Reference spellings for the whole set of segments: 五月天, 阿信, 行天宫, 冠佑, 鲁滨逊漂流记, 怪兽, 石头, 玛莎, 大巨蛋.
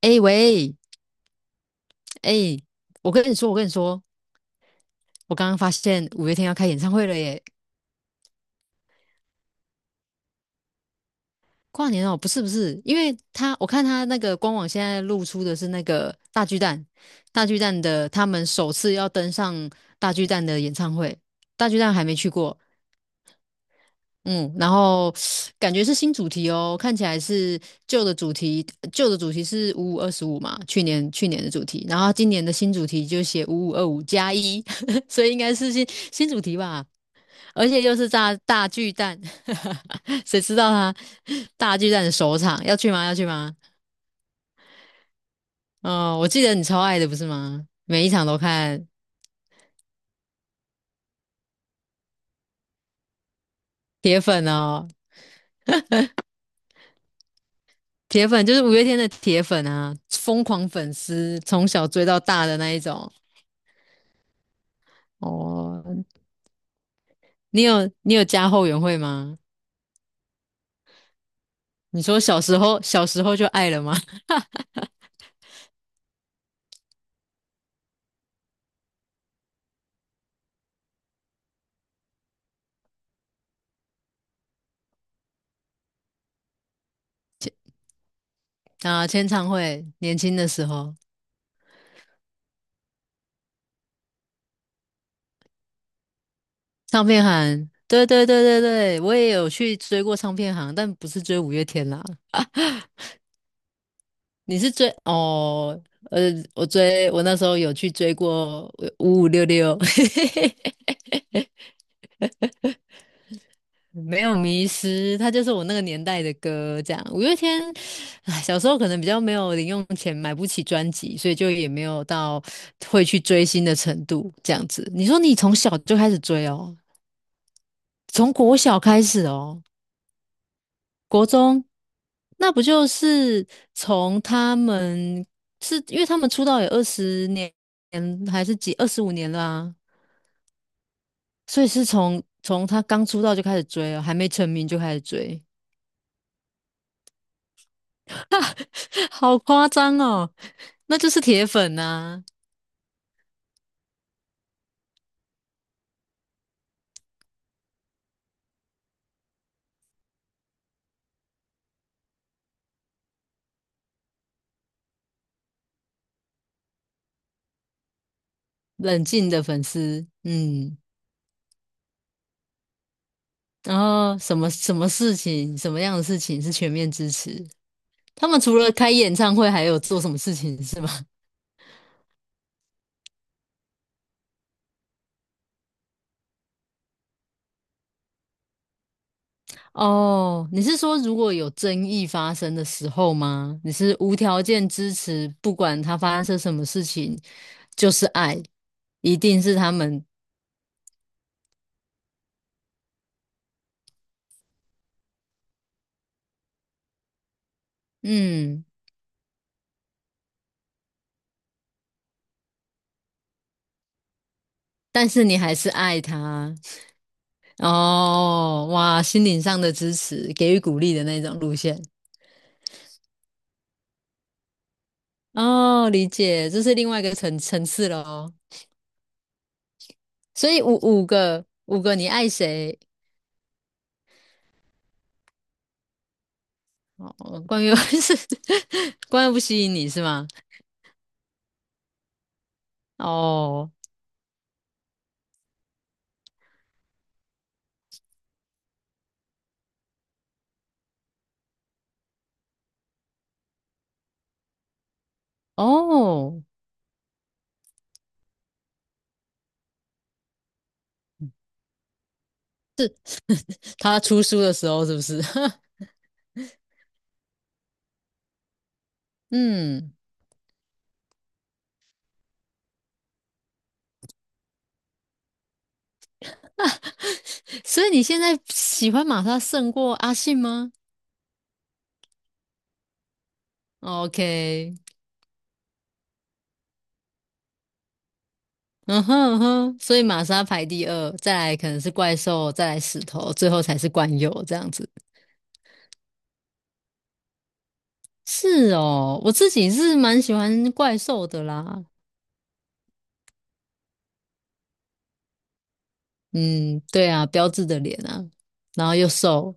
哎、喂，哎、我跟你说，我刚刚发现五月天要开演唱会了耶！跨年哦，不是不是，因为他我看他那个官网现在露出的是那个大巨蛋，大巨蛋的他们首次要登上大巨蛋的演唱会，大巨蛋还没去过，嗯，然后感觉是新主题哦，看起来是旧的主题，旧的主题是五五二十五嘛，去年的主题，然后今年的新主题就写五五二五加一，所以应该是新主题吧。而且又是大大巨蛋，谁知道他大巨蛋的首场要去吗？要去吗？哦，我记得你超爱的不是吗？每一场都看，铁粉哦，铁粉就是五月天的铁粉啊，疯狂粉丝，从小追到大的那一种。哦，你有你有加后援会吗？你说小时候就爱了吗？啊，签唱会，年轻的时候，唱片行，对对对对对，我也有去追过唱片行，但不是追五月天啦，你是追哦，呃，我追我那时候有去追过五五六六，没有迷失，它就是我那个年代的歌。这样，五月天，唉，小时候可能比较没有零用钱，买不起专辑，所以就也没有到会去追星的程度。这样子，你说你从小就开始追哦，从国小开始哦，国中，那不就是从他们是因为他们出道有20年还是几25年啦、所以是从他刚出道就开始追哦，还没成名就开始追，好夸张哦，那就是铁粉呐、冷静的粉丝，嗯，然后什么事情，什么样的事情是全面支持？他们除了开演唱会，还有做什么事情是吗？哦，你是说如果有争议发生的时候吗？你是无条件支持，不管他发生什么事情，就是爱，一定是他们，嗯。但是你还是爱他哦，哇，心灵上的支持，给予鼓励的那种路线哦，理解，这是另外一个层次了哦。所以五个，你爱谁？哦，关于 是关于不吸引你是吗？哦哦，他出书的时候是不是？嗯，所以你现在喜欢玛莎胜过阿信吗？OK，嗯哼嗯哼，所以玛莎排第二，再来可能是怪兽，再来石头，最后才是冠佑这样子。是哦，我自己是蛮喜欢怪兽的啦。嗯，对啊，标志的脸啊，然后又瘦，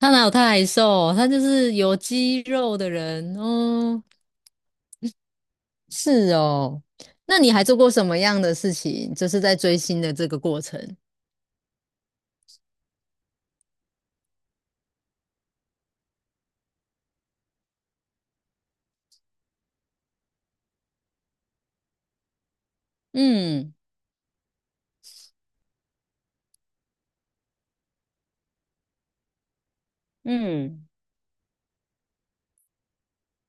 他哪有太瘦？他就是有肌肉的人哦。是哦，那你还做过什么样的事情？就是在追星的这个过程。嗯嗯，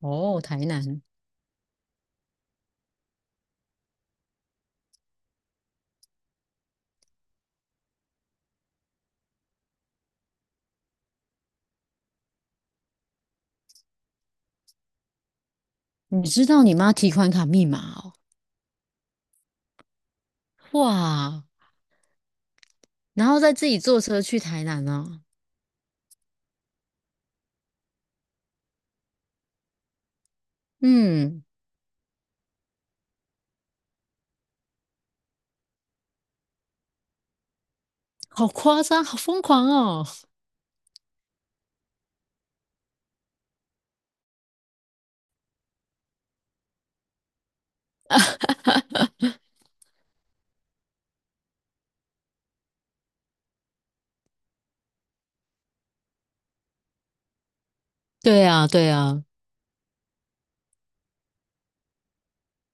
哦，台南，你知道你妈提款卡密码哦？哇！然后再自己坐车去台南啊。嗯，好夸张，好疯狂哦。对啊，对啊，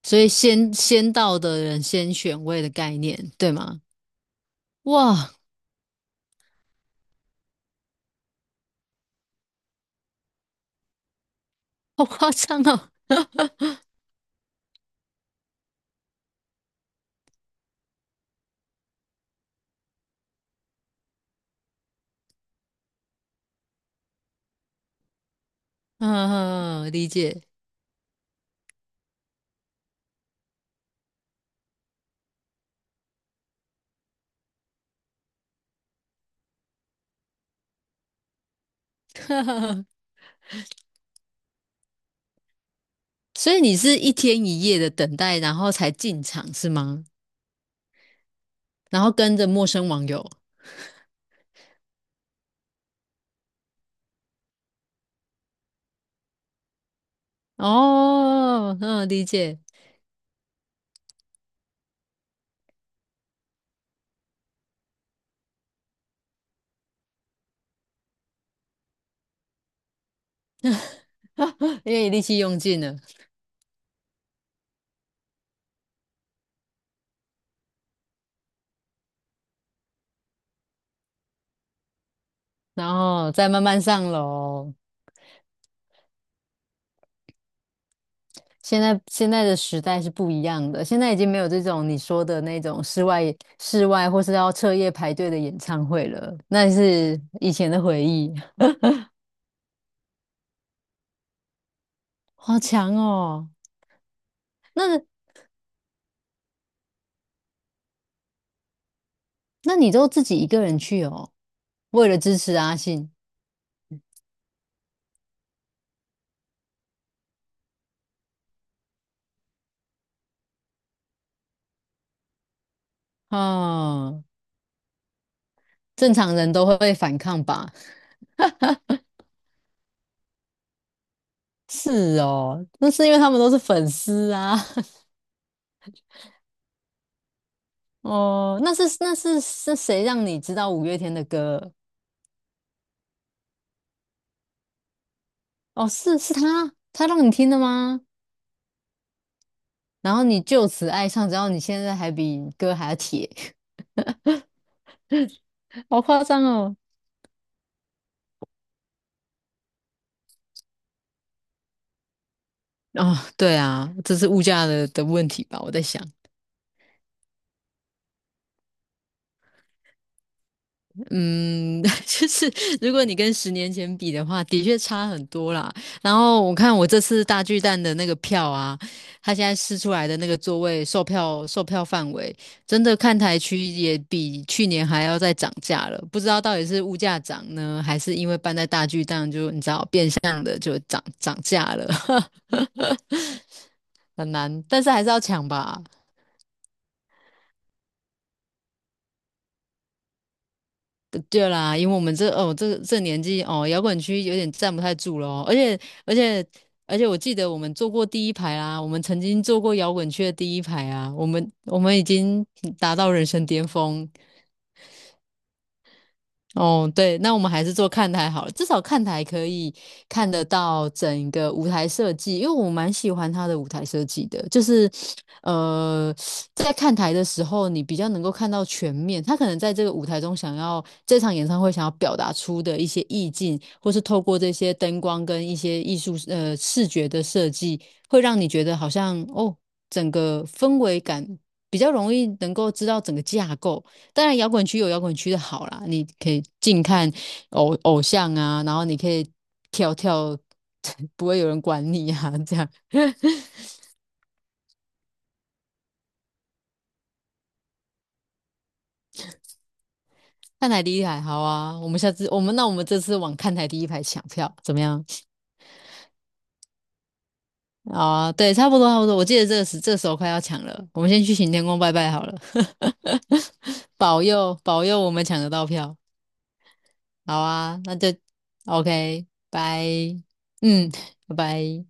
所以先到的人先选位的概念，对吗？哇，好夸张哦。嗯，嗯嗯嗯理解。所以你是一天一夜的等待，然后才进场是吗？然后跟着陌生网友。哦，嗯，理解。因为力气用尽了，然后再慢慢上楼。现在的时代是不一样的，现在已经没有这种你说的那种室外或是要彻夜排队的演唱会了，那是以前的回忆，好强哦！那你都自己一个人去哦，为了支持阿信，哦，正常人都会反抗吧？是哦，那是因为他们都是粉丝啊。哦，那是是谁让你知道五月天的歌？哦，是他，他让你听的吗？然后你就此爱上，然后你现在还比哥还要铁，好夸张哦！哦，对啊，这是物价的问题吧？我在想，嗯，就是如果你跟10年前比的话，的确差很多啦。然后我看我这次大巨蛋的那个票啊，它现在试出来的那个座位售票范围，真的看台区也比去年还要再涨价了。不知道到底是物价涨呢，还是因为搬在大巨蛋就你知道变相的就涨价了，很难，但是还是要抢吧。对对啦，因为我们这哦这年纪哦，摇滚区有点站不太住了哦，而且而且我记得我们坐过第一排啊，我们曾经坐过摇滚区的第一排啊，我们已经达到人生巅峰。哦，对，那我们还是做看台好了，至少看台可以看得到整个舞台设计，因为我蛮喜欢他的舞台设计的，就是呃，在看台的时候，你比较能够看到全面，他可能在这个舞台中想要这场演唱会想要表达出的一些意境，或是透过这些灯光跟一些艺术视觉的设计，会让你觉得好像哦，整个氛围感比较容易能够知道整个架构。当然，摇滚区有摇滚区的好啦，你可以近看偶像啊，然后你可以跳跳，不会有人管你啊，这样。看台第一排好啊，我们下次我们那我们这次往看台第一排抢票怎么样？好啊，对，差不多，我记得这个这时候快要抢了，我们先去行天宫拜拜好了，保佑我们抢得到票。好啊，那就 OK，拜，嗯，拜拜。